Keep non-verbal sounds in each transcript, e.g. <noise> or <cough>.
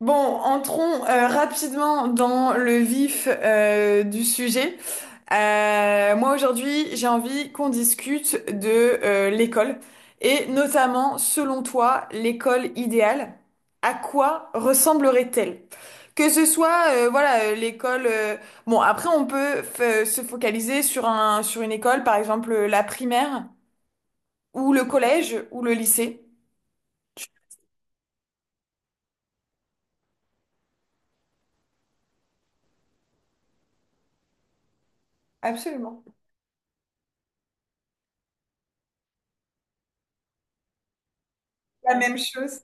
Bon, entrons rapidement dans le vif du sujet. Moi aujourd'hui, j'ai envie qu'on discute de l'école et notamment, selon toi, l'école idéale, à quoi ressemblerait-elle? Que ce soit, voilà, l'école. Bon, après, on peut se focaliser sur une école, par exemple la primaire ou le collège ou le lycée. Absolument. La même chose.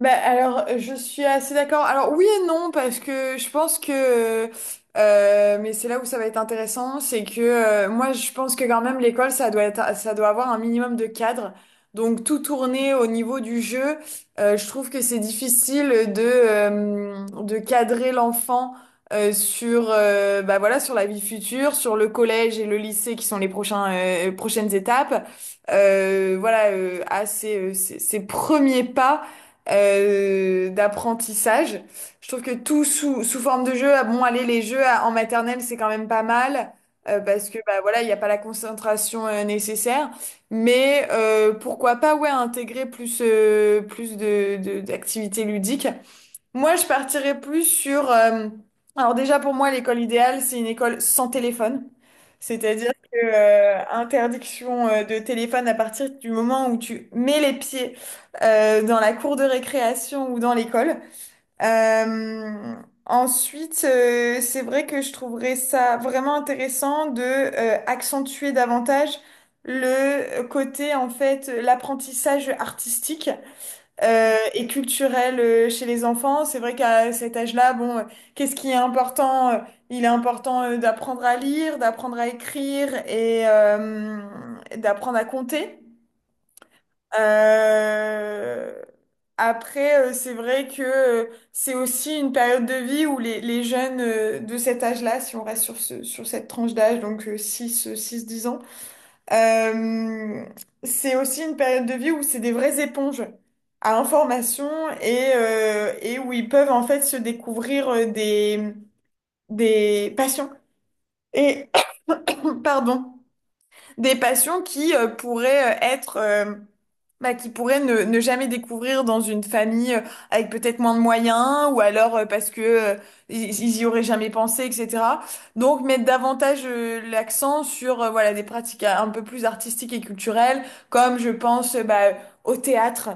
Bah, alors, je suis assez d'accord. Alors, oui et non, parce que je pense que... mais c'est là où ça va être intéressant, c'est que moi, je pense que quand même, l'école, ça doit avoir un minimum de cadre. Donc, tout tourner au niveau du jeu, je trouve que c'est difficile de cadrer l'enfant sur, bah, voilà, sur la vie future, sur le collège et le lycée qui sont les prochaines étapes. Voilà, à ses premiers pas d'apprentissage. Je trouve que tout sous forme de jeu, ah bon, allez, les jeux ah, en maternelle, c'est quand même pas mal, parce que bah, voilà, il n'y a pas la concentration nécessaire. Mais pourquoi pas ouais, intégrer plus d'activités ludiques. Moi, je partirais plus sur... alors déjà, pour moi, l'école idéale, c'est une école sans téléphone. C'est-à-dire que interdiction de téléphone à partir du moment où tu mets les pieds dans la cour de récréation ou dans l'école. Euh, ensuite, c'est vrai que je trouverais ça vraiment intéressant de accentuer davantage le côté, en fait, l'apprentissage artistique et culturel chez les enfants. C'est vrai qu'à cet âge-là, bon, qu'est-ce qui est important? Il est important d'apprendre à lire, d'apprendre à écrire et d'apprendre à compter. Euh, Après, c'est vrai que c'est aussi une période de vie où les jeunes de cet âge-là, si on reste sur ce, sur cette tranche d'âge, donc 6 10 ans, euh, c'est aussi une période de vie où c'est des vraies éponges à information et où ils peuvent en fait se découvrir des passions. Et, <coughs> pardon, des passions qui pourraient être bah, qui pourraient ne jamais découvrir dans une famille avec peut-être moins de moyens ou alors parce que ils y auraient jamais pensé, etc. Donc mettre davantage l'accent sur voilà des pratiques un peu plus artistiques et culturelles, comme je pense bah, au théâtre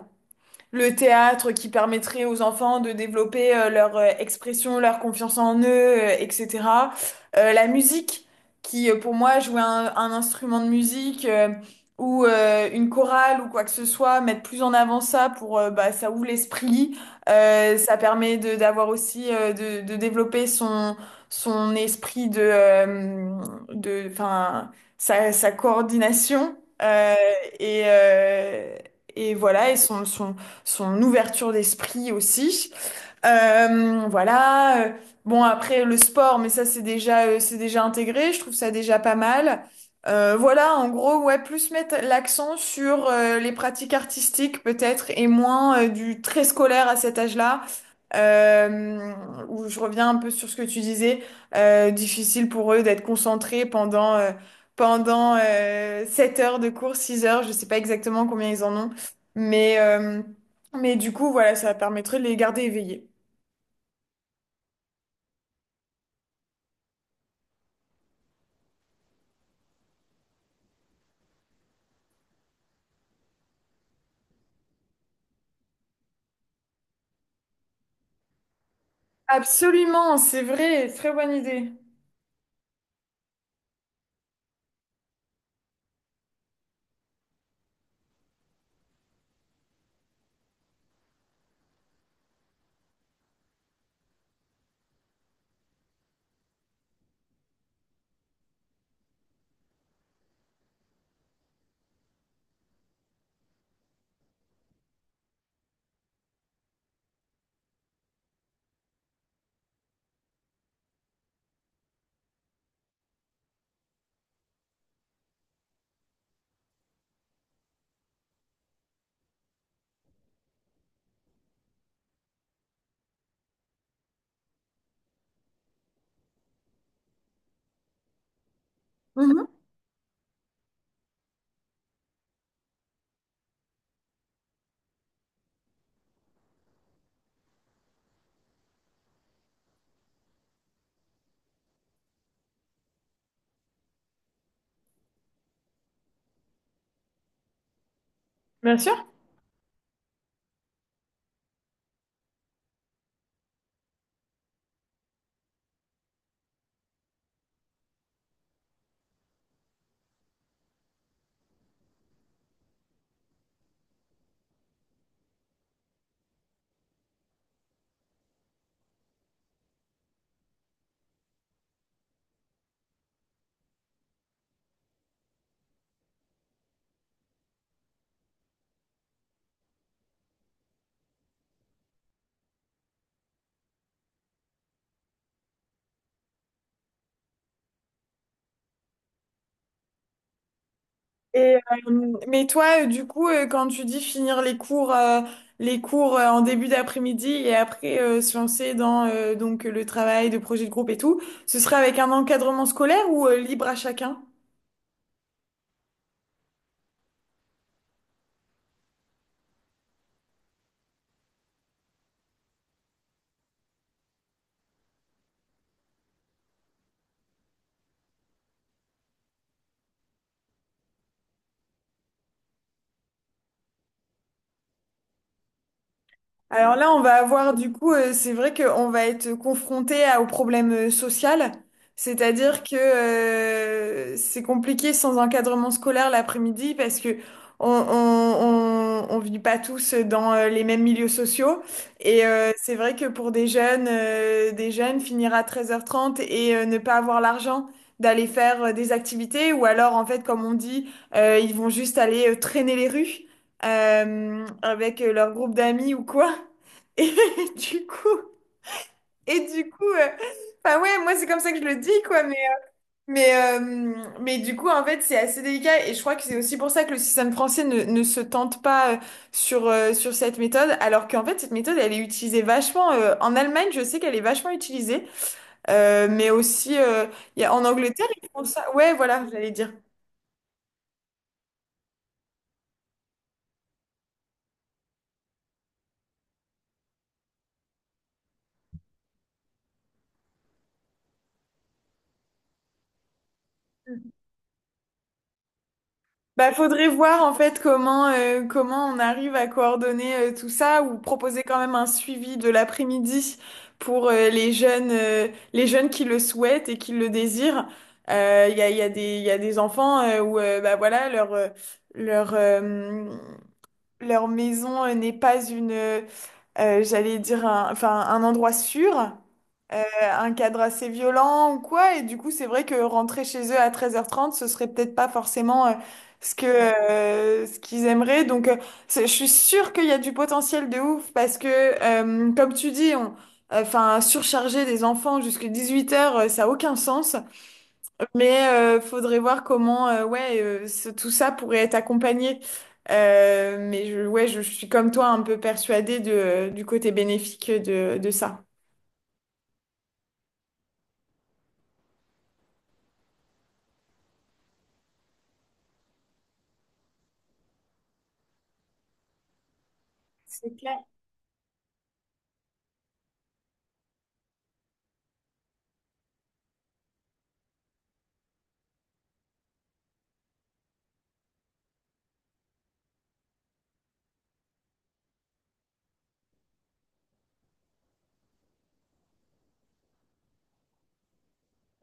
le théâtre qui permettrait aux enfants de développer leur expression, leur confiance en eux, etc. La musique, qui pour moi jouer un instrument de musique ou une chorale ou quoi que ce soit, mettre plus en avant ça pour bah, ça ouvre l'esprit. Ça permet de d'avoir aussi de développer son esprit de enfin sa coordination euh, et euh, et voilà et son ouverture d'esprit aussi. Voilà. Bon, après, le sport, mais ça, c'est déjà intégré. Je trouve ça déjà pas mal. Voilà, en gros, ouais, plus mettre l'accent sur les pratiques artistiques, peut-être, et moins du très scolaire à cet âge-là. Euh, où je reviens un peu sur ce que tu disais, difficile pour eux d'être concentrés pendant 7 heures de cours, 6 heures, je sais pas exactement combien ils en ont, mais, euh, mais du coup, voilà, ça permettrait de les garder éveillés. Absolument, c'est vrai, très bonne idée. Mhm, bien sûr. Et mais toi, du coup, quand tu dis finir les cours, en début d'après-midi et après se lancer dans donc le travail de projet de groupe et tout, ce serait avec un encadrement scolaire ou libre à chacun? Alors là, on va avoir du coup, c'est vrai qu'on va être confronté au problème social, c'est-à-dire que c'est compliqué sans encadrement scolaire l'après-midi parce que on vit pas tous dans les mêmes milieux sociaux et c'est vrai que pour des jeunes finir à 13h30 et ne pas avoir l'argent d'aller faire des activités ou alors en fait, comme on dit, ils vont juste aller traîner les rues avec leur groupe d'amis ou quoi. Et <laughs> du coup, et du coup, euh, enfin ouais, moi c'est comme ça que je le dis quoi, mais mais euh, mais du coup en fait c'est assez délicat et je crois que c'est aussi pour ça que le système français ne se tente pas sur cette méthode, alors qu'en fait cette méthode elle est utilisée vachement en Allemagne, je sais qu'elle est vachement utilisée, mais aussi il y a, en Angleterre ils font ça, ouais voilà j'allais dire. Bah, faudrait voir en fait comment on arrive à coordonner tout ça ou proposer quand même un suivi de l'après-midi pour les jeunes qui le souhaitent et qui le désirent. Il y a des il y a des enfants où bah voilà leur euh, leur maison n'est pas une j'allais dire un, enfin un endroit sûr euh, un cadre assez violent ou quoi. Et du coup, c'est vrai que rentrer chez eux à 13h30, ce serait peut-être pas forcément ce que, ce qu'ils aimeraient. Donc, je suis sûre qu'il y a du potentiel de ouf parce que, comme tu dis, enfin, surcharger des enfants jusqu'à 18h, ça a aucun sens. Mais faudrait voir ouais, tout ça pourrait être accompagné. Mais ouais, je suis comme toi un peu persuadée de, du côté bénéfique de ça.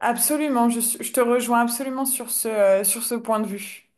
Absolument, je te rejoins absolument sur ce point de vue.